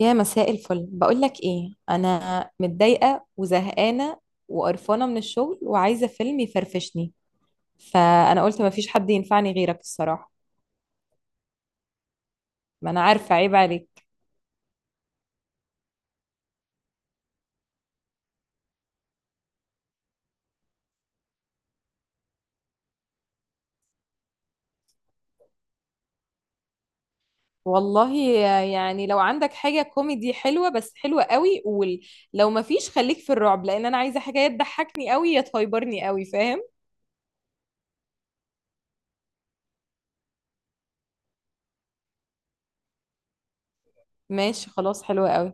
يا مساء الفل، بقول لك ايه، انا متضايقه وزهقانه وقرفانه من الشغل وعايزه فيلم يفرفشني، فانا قلت مفيش حد ينفعني غيرك الصراحه. ما انا عارفه، عيب عليك. والله، يعني لو عندك حاجه كوميدي حلوه، بس حلوه قوي، قول. لو مفيش خليك في الرعب، لان انا عايزه حاجه يا تضحكني قوي يا تهيبرني قوي، فاهم؟ ماشي، خلاص، حلوه قوي.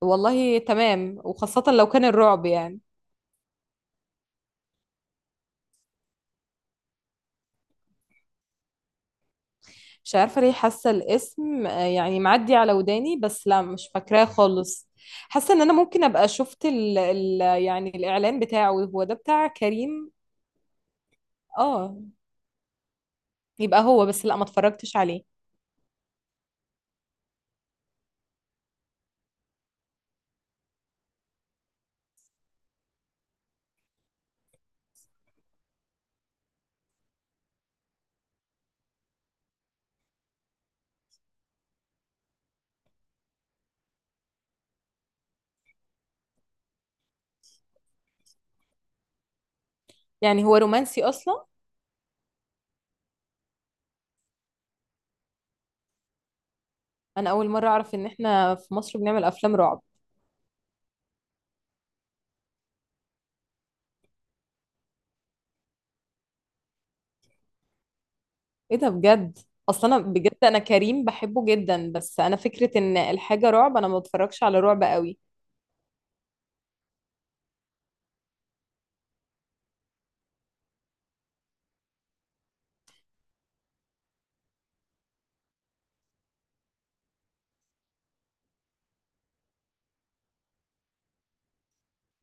والله تمام، وخاصه لو كان الرعب، يعني. مش عارفة ليه حاسة الاسم، يعني معدي على وداني، بس لا مش فاكراه خالص. حاسة ان انا ممكن ابقى شفت ال يعني الاعلان بتاعه، هو ده بتاع كريم. اه، يبقى هو، بس لا ما اتفرجتش عليه. يعني هو رومانسي اصلا؟ انا اول مرة اعرف ان احنا في مصر بنعمل افلام رعب. ايه ده؟ بجد؟ اصلا انا بجد، انا كريم بحبه جدا، بس انا فكرة ان الحاجة رعب، انا ما بتفرجش على رعب قوي.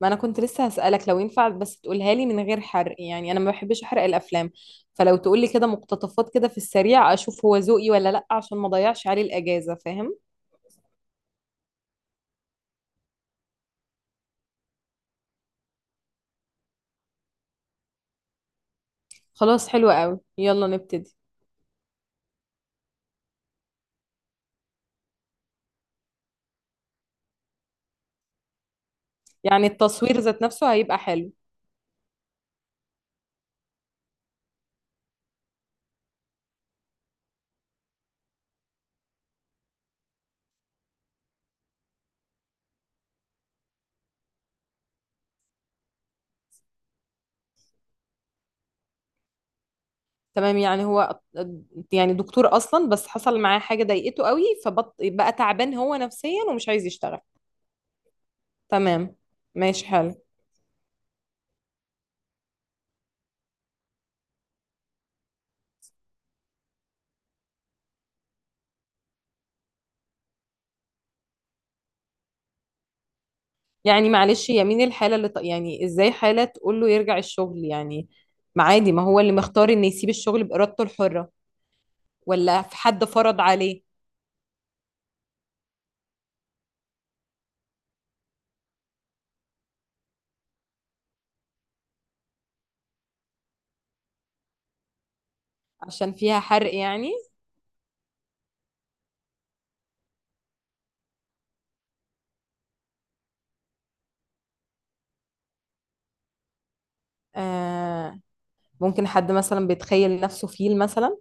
ما انا كنت لسه هسألك لو ينفع، بس تقولها لي من غير حرق، يعني انا ما بحبش احرق الافلام. فلو تقول لي كده مقتطفات كده في السريع، اشوف هو ذوقي ولا لا، عشان ما اضيعش عليه الاجازة، فاهم؟ خلاص، حلو قوي، يلا نبتدي. يعني التصوير ذات نفسه هيبقى حلو. تمام، يعني هو، يعني دكتور اصلا، بس حصل معاه حاجة ضايقته قوي، فبقى تعبان هو نفسيا ومش عايز يشتغل. تمام، ماشي، حلو. يعني معلش، هي مين الحالة اللي يعني ازاي حالة تقول له يرجع الشغل يعني؟ ما عادي، ما هو اللي مختار انه يسيب الشغل بإرادته الحرة. ولا في حد فرض عليه؟ عشان فيها حرق يعني؟ آه، ممكن حد مثلا بيتخيل نفسه فيل مثلا.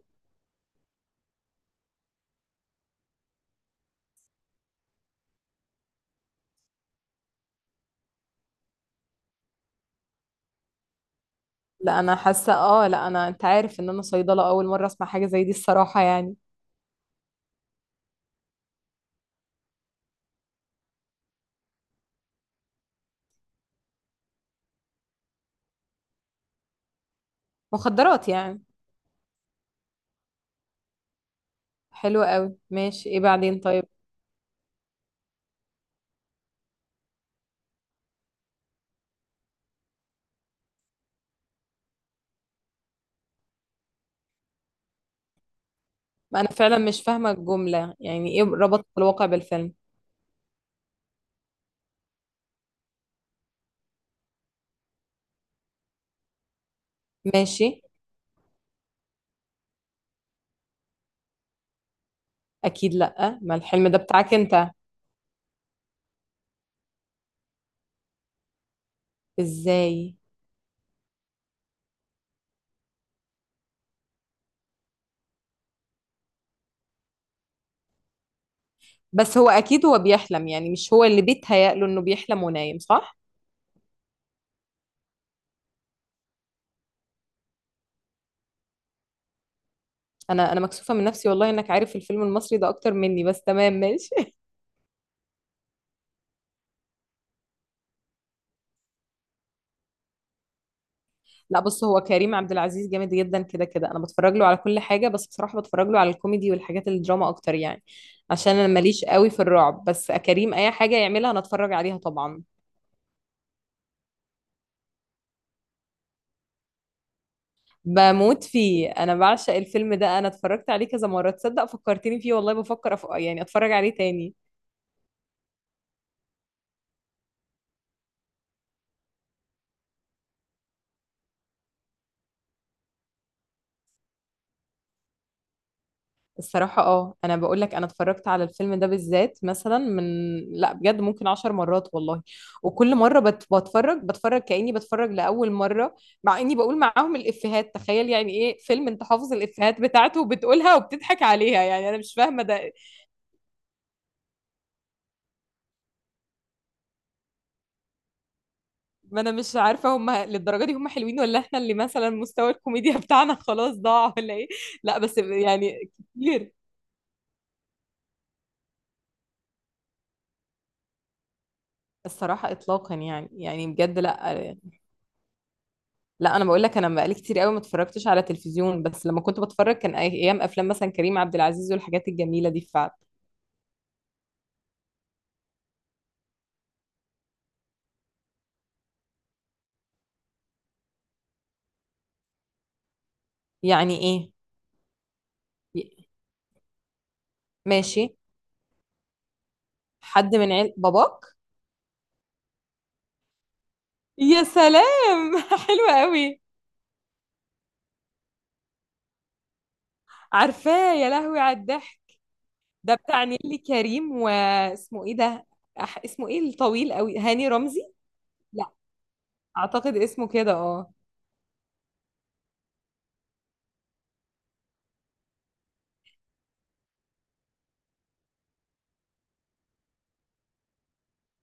لا انا حاسة، لا انا، انت عارف ان انا صيدلة، اول مرة اسمع حاجة زي دي الصراحة يعني. مخدرات يعني. حلو قوي، ماشي، ايه بعدين؟ طيب. ما انا فعلا مش فاهمة الجملة، يعني ايه ربط الواقع بالفيلم؟ ماشي. اكيد، لا ما الحلم ده بتاعك انت. ازاي؟ بس هو اكيد هو بيحلم، يعني مش هو اللي بيتهيأ له انه بيحلم ونايم، صح؟ انا مكسوفه من نفسي والله، انك عارف الفيلم المصري ده اكتر مني، بس تمام ماشي. لا بص، هو كريم عبد العزيز جامد جدا، كده كده انا بتفرج له على كل حاجه، بس بصراحه بتفرج له على الكوميدي والحاجات الدراما اكتر يعني. عشان انا ماليش قوي في الرعب، بس كريم اي حاجه يعملها انا اتفرج عليها طبعا. بموت فيه، انا بعشق الفيلم ده، انا اتفرجت عليه كذا مره، تصدق فكرتني فيه والله، بفكر يعني اتفرج عليه تاني. الصراحة، انا بقول لك انا اتفرجت على الفيلم ده بالذات مثلا من، لا بجد ممكن عشر مرات والله. وكل مرة بت... بتفرج بتفرج كأني بتفرج لأول مرة، مع اني بقول معاهم الإفيهات، تخيل يعني ايه فيلم انت حافظ الإفيهات بتاعته وبتقولها وبتضحك عليها، يعني انا مش فاهمة ده. ما انا مش عارفة هم للدرجة دي هم حلوين، ولا احنا اللي مثلا مستوى الكوميديا بتاعنا خلاص ضاع، ولا ايه؟ لا بس يعني، كتير. الصراحة إطلاقا، يعني بجد لا. لا انا بقول لك، انا بقالي كتير قوي ما اتفرجتش على تلفزيون، بس لما كنت بتفرج كان ايام افلام مثلا كريم عبد العزيز والحاجات الجميله دي فعلا. يعني ايه؟ ي- ماشي. حد من عيل باباك؟ يا سلام. حلوه قوي. عارفاه، يا لهوي على الضحك. ده بتاع نيللي كريم، واسمه ايه ده؟ اسمه ايه الطويل قوي؟ هاني رمزي؟ لا. اعتقد اسمه كده، اه.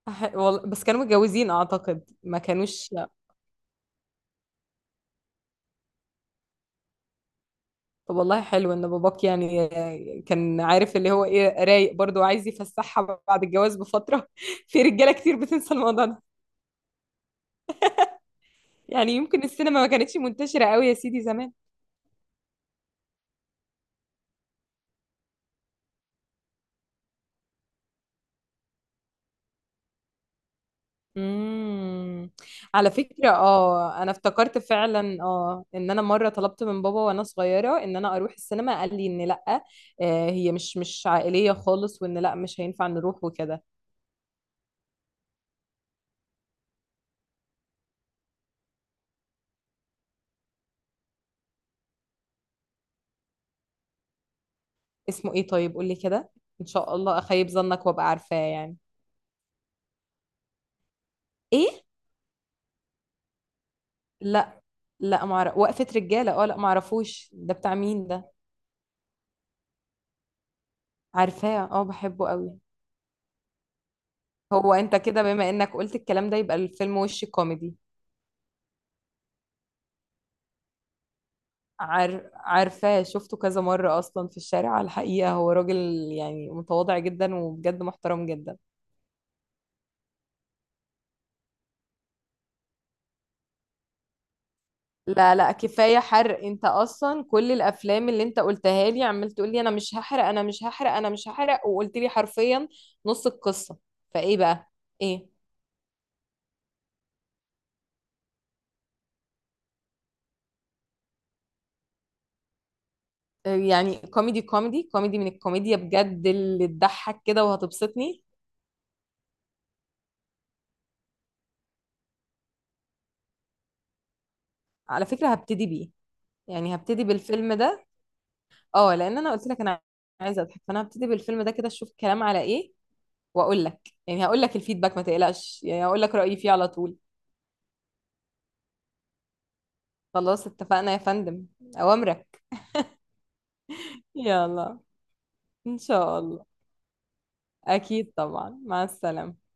والله، بس كانوا متجوزين، اعتقد ما كانوش. طب والله حلو ان باباك، يعني كان عارف اللي هو ايه، رايق برضه وعايز يفسحها بعد الجواز بفتره. في رجاله كتير بتنسى الموضوع ده. يعني يمكن السينما ما كانتش منتشره قوي يا سيدي زمان. امم. على فكره، انا افتكرت فعلا، ان انا مره طلبت من بابا وانا صغيره ان انا اروح السينما، قال لي ان لا، هي مش عائليه خالص، وان لا مش هينفع نروح وكده. اسمه ايه؟ طيب قول لي كده. ان شاء الله اخيب ظنك وابقى عارفاه يعني. ايه؟ لا. لا معرف وقفة رجالة، اه لا معرفوش، ده بتاع مين ده؟ عارفاه، اه بحبه قوي. هو انت كده بما انك قلت الكلام ده يبقى الفيلم وش كوميدي؟ عارفاه، شفته كذا مرة اصلا في الشارع على الحقيقة، هو راجل يعني متواضع جدا، وبجد محترم جدا. لا، لا، كفاية حرق، انت اصلا كل الافلام اللي انت قلتها لي عمال تقول لي انا مش هحرق، انا مش هحرق، انا مش هحرق، وقلت لي حرفيا نص القصة. فايه بقى؟ ايه؟ يعني كوميدي كوميدي كوميدي، من الكوميديا بجد اللي تضحك كده وهتبسطني؟ على فكرة هبتدي بيه، يعني هبتدي بالفيلم ده. اه، لان انا قلت لك انا عايزة اضحك، فانا هبتدي بالفيلم ده كده اشوف الكلام على ايه، واقول لك. يعني هقول لك الفيدباك ما تقلقش، يعني هقول لك رأيي فيه على طول. خلاص اتفقنا يا فندم. اوامرك. يلا. ان شاء الله. اكيد طبعا، مع السلامة.